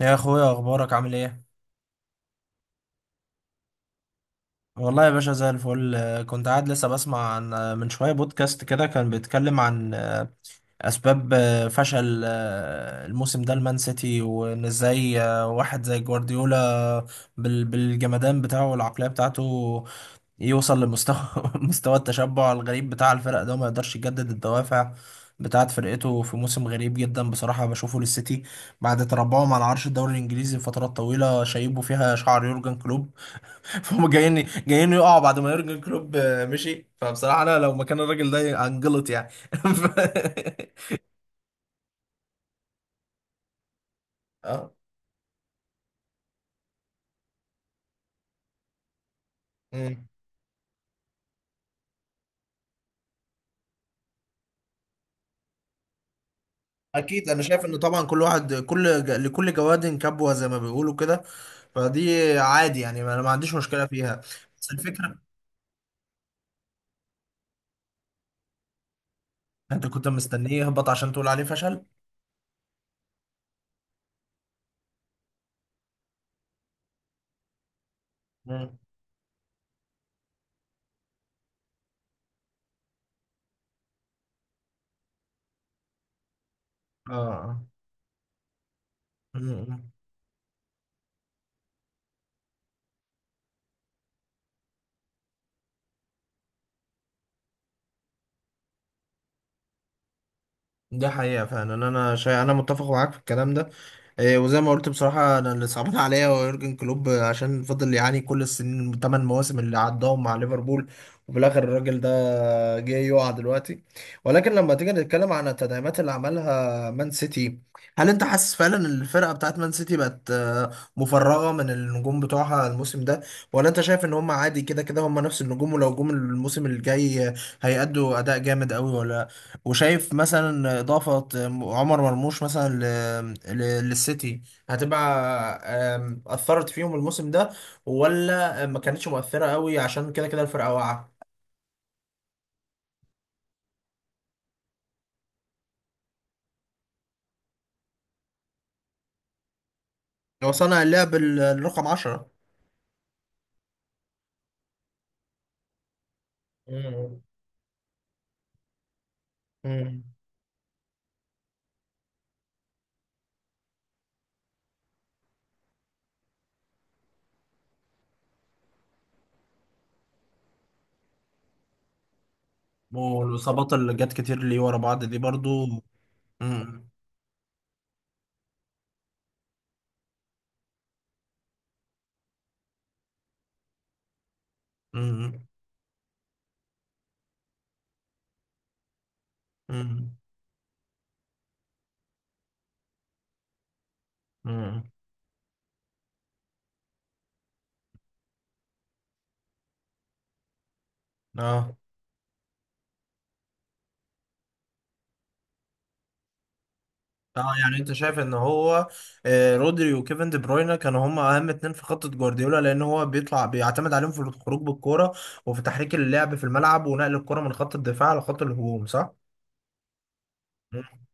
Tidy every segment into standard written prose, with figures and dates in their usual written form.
يا اخويا، اخبارك عامل ايه؟ والله يا باشا زي الفل. كنت قاعد لسه بسمع عن من شويه بودكاست كده كان بيتكلم عن اسباب فشل الموسم ده المان سيتي، وان ازاي واحد زي جوارديولا بالجمدان بتاعه والعقليه بتاعته يوصل لمستوى مستوى التشبع الغريب بتاع الفرق ده، وما يقدرش يجدد الدوافع بتاعت فرقته في موسم غريب جدا. بصراحة بشوفه للسيتي بعد تربعهم على عرش الدوري الإنجليزي لفترات طويلة شايبه فيها شعر يورجن كلوب، فهم جايين جايين يقعوا بعد ما يورجن كلوب مشي. فبصراحه انا لو مكان الراجل ده هنجلط يعني. ف- اه. مم. اكيد. انا شايف ان طبعا كل واحد، لكل جواد كبوه زي ما بيقولوا كده، فدي عادي يعني، انا ما عنديش مشكله فيها. بس الفكره، انت كنت مستنيه يهبط عشان تقول عليه فشل؟ مم. اه آه. مم. ده حقيقة فعلا، انا متفق معاك في الكلام ده. وزي ما قلت بصراحة، انا اللي صعبان عليا هو يورجن كلوب عشان فضل يعاني كل السنين، الثمان مواسم اللي عداهم مع ليفربول، وفي الاخر الراجل ده جه يقع دلوقتي. ولكن لما تيجي نتكلم عن التدعيمات اللي عملها مان سيتي، هل انت حاسس فعلا ان الفرقة بتاعت مان سيتي بقت مفرغة من النجوم بتوعها الموسم ده؟ ولا انت شايف ان هم عادي كده كده هم نفس النجوم، ولو جم الموسم الجاي هيأدوا اداء جامد قوي؟ ولا وشايف مثلا إضافة عمر مرموش مثلا ل... للسيتي هتبقى أثرت فيهم الموسم ده، ولا ما كانتش مؤثرة قوي عشان كده كده الفرقة واقعة؟ هو صنع اللعب الرقم عشرة. مم. مم. والإصابات اللي جت كتير ليه ورا بعض دي برضو. مم. مم. مم. مم. اه اه. يعني انت شايف ان هو رودري وكيفن دي بروينا كانوا هم اهم اتنين في خطة جوارديولا، لان هو بيطلع بيعتمد عليهم في الخروج بالكرة وفي تحريك اللعب في الملعب ونقل الكرة من خط الدفاع لخط الهجوم، صح؟ مم.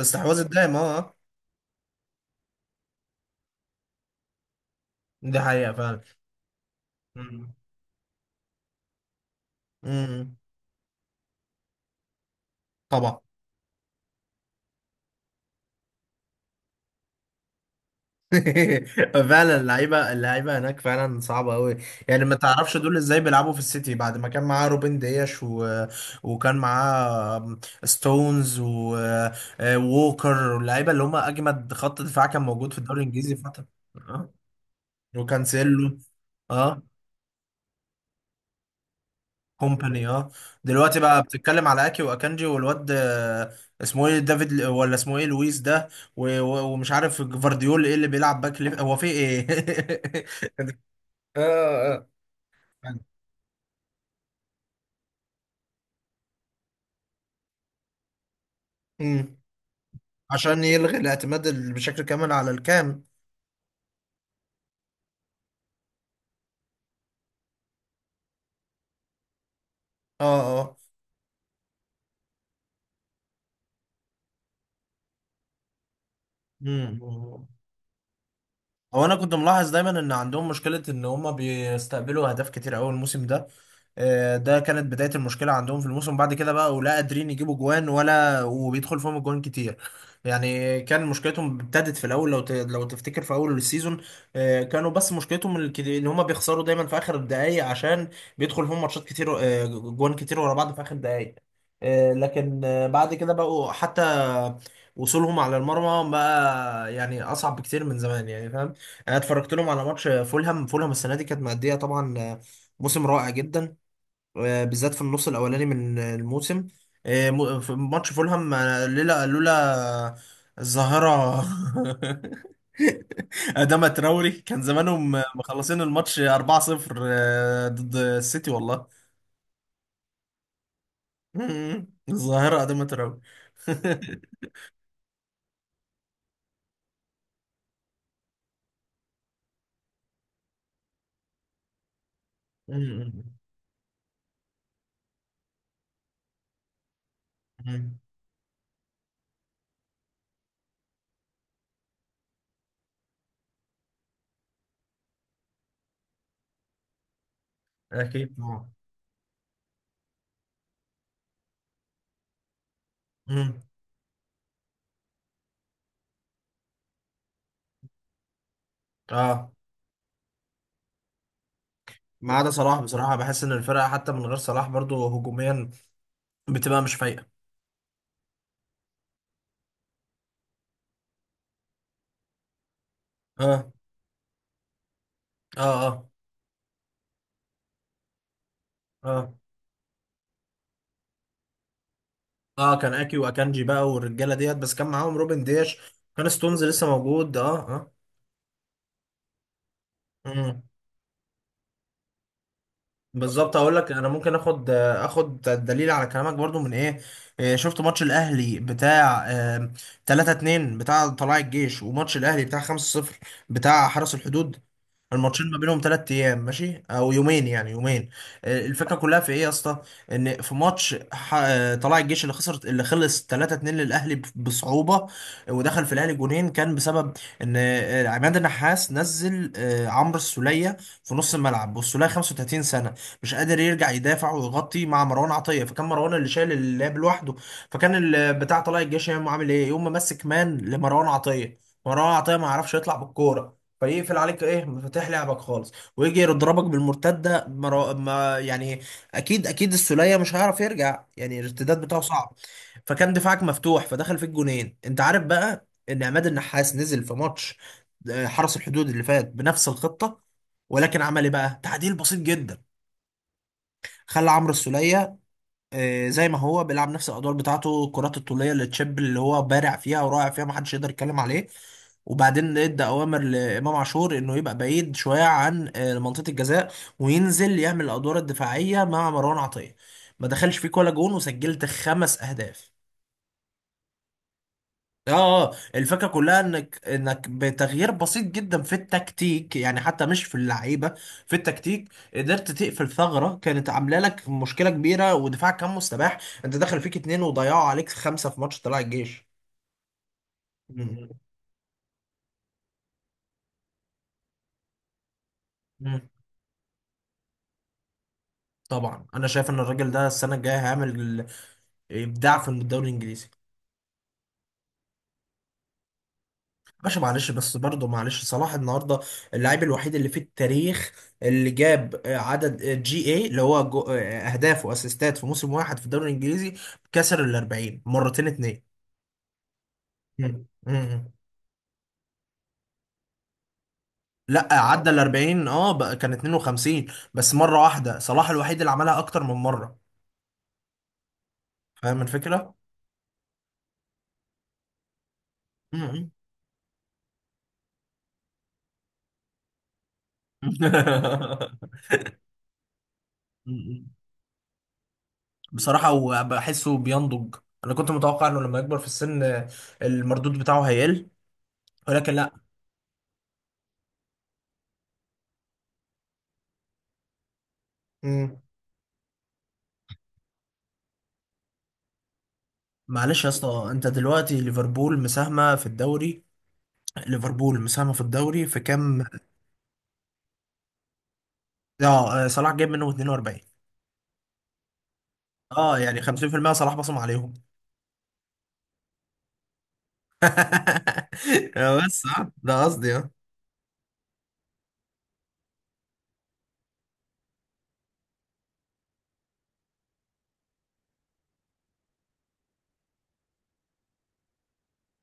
استحواذ الدائم، اه آه. دي حقيقة فعلا. مم. مم. طبعا. فعلا اللعيبه هناك فعلا صعبه قوي. يعني ما تعرفش دول ازاي بيلعبوا في السيتي بعد ما كان معاه روبن دياش وكان معاه ستونز ووكر واللعيبه اللي هم اجمد خط دفاع كان موجود في الدوري الانجليزي فتره. اه. وكانسيلو. اه. كومباني، اه. دلوقتي بقى بتتكلم على اكي واكانجي والواد اسمه ايه، دافيد ولا اسمه ايه لويس ده، ومش عارف جفارديول ايه اللي بيلعب باك ليفت، هو في ايه. اه. امم. عشان يلغي الاعتماد بشكل كامل على الكام. اه اه. امم. هو انا كنت ملاحظ دايما ان عندهم مشكله ان هم بيستقبلوا اهداف كتير قوي الموسم ده. ده كانت بدايه المشكله عندهم في الموسم. بعد كده بقى ولا قادرين يجيبوا جوان ولا وبيدخل فيهم الجوان كتير. يعني كان مشكلتهم ابتدت في الاول، لو لو تفتكر في اول السيزون كانوا بس ان هم بيخسروا دايما في اخر الدقائق، عشان بيدخل فيهم ماتشات كتير جوان كتير ورا بعض في اخر الدقائق. لكن بعد كده بقوا حتى وصولهم على المرمى بقى يعني اصعب بكتير من زمان يعني، فاهم. انا اتفرجت لهم على ماتش فولهام. السنه دي كانت مأديه طبعا موسم رائع جدا بالذات في النص الاولاني من الموسم. في ماتش فولهام لولا الظاهره أداما تراوري، كان زمانهم مخلصين الماتش 4-0 ضد السيتي والله. الظاهره أداما تراوري. اكيد طبعا. مم. اه. ما عدا صلاح، بصراحه بحس ان الفرقه حتى من غير صلاح برضو هجوميا بتبقى مش فايقه. اه. اه. اه. اه. اه. كان اكي واكانجي بقى والرجاله ديت، بس كان معاهم روبن دياش، كان ستونز لسه موجود. اه اه. امم. بالظبط. اقول لك انا ممكن اخد دليل على كلامك برضو من ايه. شفت ماتش الاهلي بتاع 3-2 بتاع طلائع الجيش، وماتش الاهلي بتاع 5-0 بتاع حرس الحدود؟ الماتشين ما بينهم ثلاث ايام، ماشي، او يومين، يعني يومين. الفكره كلها في ايه يا اسطى؟ ان في ماتش طلائع الجيش اللي خسر، اللي خلص 3-2 للاهلي بصعوبه، ودخل في الاهلي جونين، كان بسبب ان عماد النحاس نزل عمرو السوليه في نص الملعب، والسوليه 35 سنه، مش قادر يرجع يدافع ويغطي مع مروان عطيه، فكان مروان اللي شايل اللعب لوحده. فكان بتاع طلائع الجيش يوم عامل ايه؟ يوم ماسك مان لمروان عطيه. مروان عطيه ما يعرفش يطلع بالكوره، فيقفل عليك ايه، مفاتيح لعبك خالص، ويجي يضربك بالمرتده. ما يعني، اكيد اكيد السوليه مش هيعرف يرجع، يعني الارتداد بتاعه صعب. فكان دفاعك مفتوح، فدخل فيك جونين. انت عارف بقى ان عماد النحاس نزل في ماتش حرس الحدود اللي فات بنفس الخطه، ولكن عمل ايه بقى؟ تعديل بسيط جدا. خلى عمرو السوليه زي ما هو بيلعب نفس الادوار بتاعته، الكرات الطوليه اللي تشيب، اللي هو بارع فيها ورائع فيها، محدش يقدر يتكلم عليه، وبعدين ادى اوامر لامام عاشور انه يبقى بعيد شويه عن منطقه الجزاء، وينزل يعمل الادوار الدفاعيه مع مروان عطيه. ما دخلش فيك ولا جون، وسجلت خمس اهداف. اه. الفكره كلها انك انك بتغيير بسيط جدا في التكتيك، يعني حتى مش في اللعيبه، في التكتيك، قدرت تقفل ثغره كانت عامله لك مشكله كبيره ودفاعك كان مستباح. انت دخل فيك اتنين وضيعوا عليك خمسه في ماتش طلع الجيش. مم. مم. طبعا. انا شايف ان الراجل ده السنه الجايه هيعمل ابداع في الدوري الانجليزي. باشا معلش، بس برضه معلش، صلاح النهارده اللاعب الوحيد اللي في التاريخ اللي جاب عدد جي اي اللي هو اهداف واسيستات في موسم واحد في الدوري الانجليزي. كسر ال 40 مرتين اتنين. مم. مم. لا عدى ال 40، اه بقى كان 52 بس مره واحده، صلاح الوحيد اللي عملها اكتر من مره. فاهم الفكره؟ مم. مم. بصراحه وبحسه بينضج. انا كنت متوقع انه لما يكبر في السن المردود بتاعه هيقل، ولكن لا. معلش يا اسطى، انت دلوقتي ليفربول مساهمة في الدوري، ليفربول مساهمة في الدوري في كام؟ اه صلاح جايب منه 42. اه يعني 50% صلاح بصم عليهم. بس ده قصدي. اه.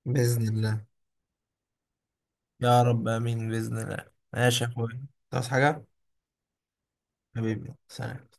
بإذن الله. يا رب آمين بإذن الله. ماشي يا أخوي. تصحى حاجة. حبيبي سلام.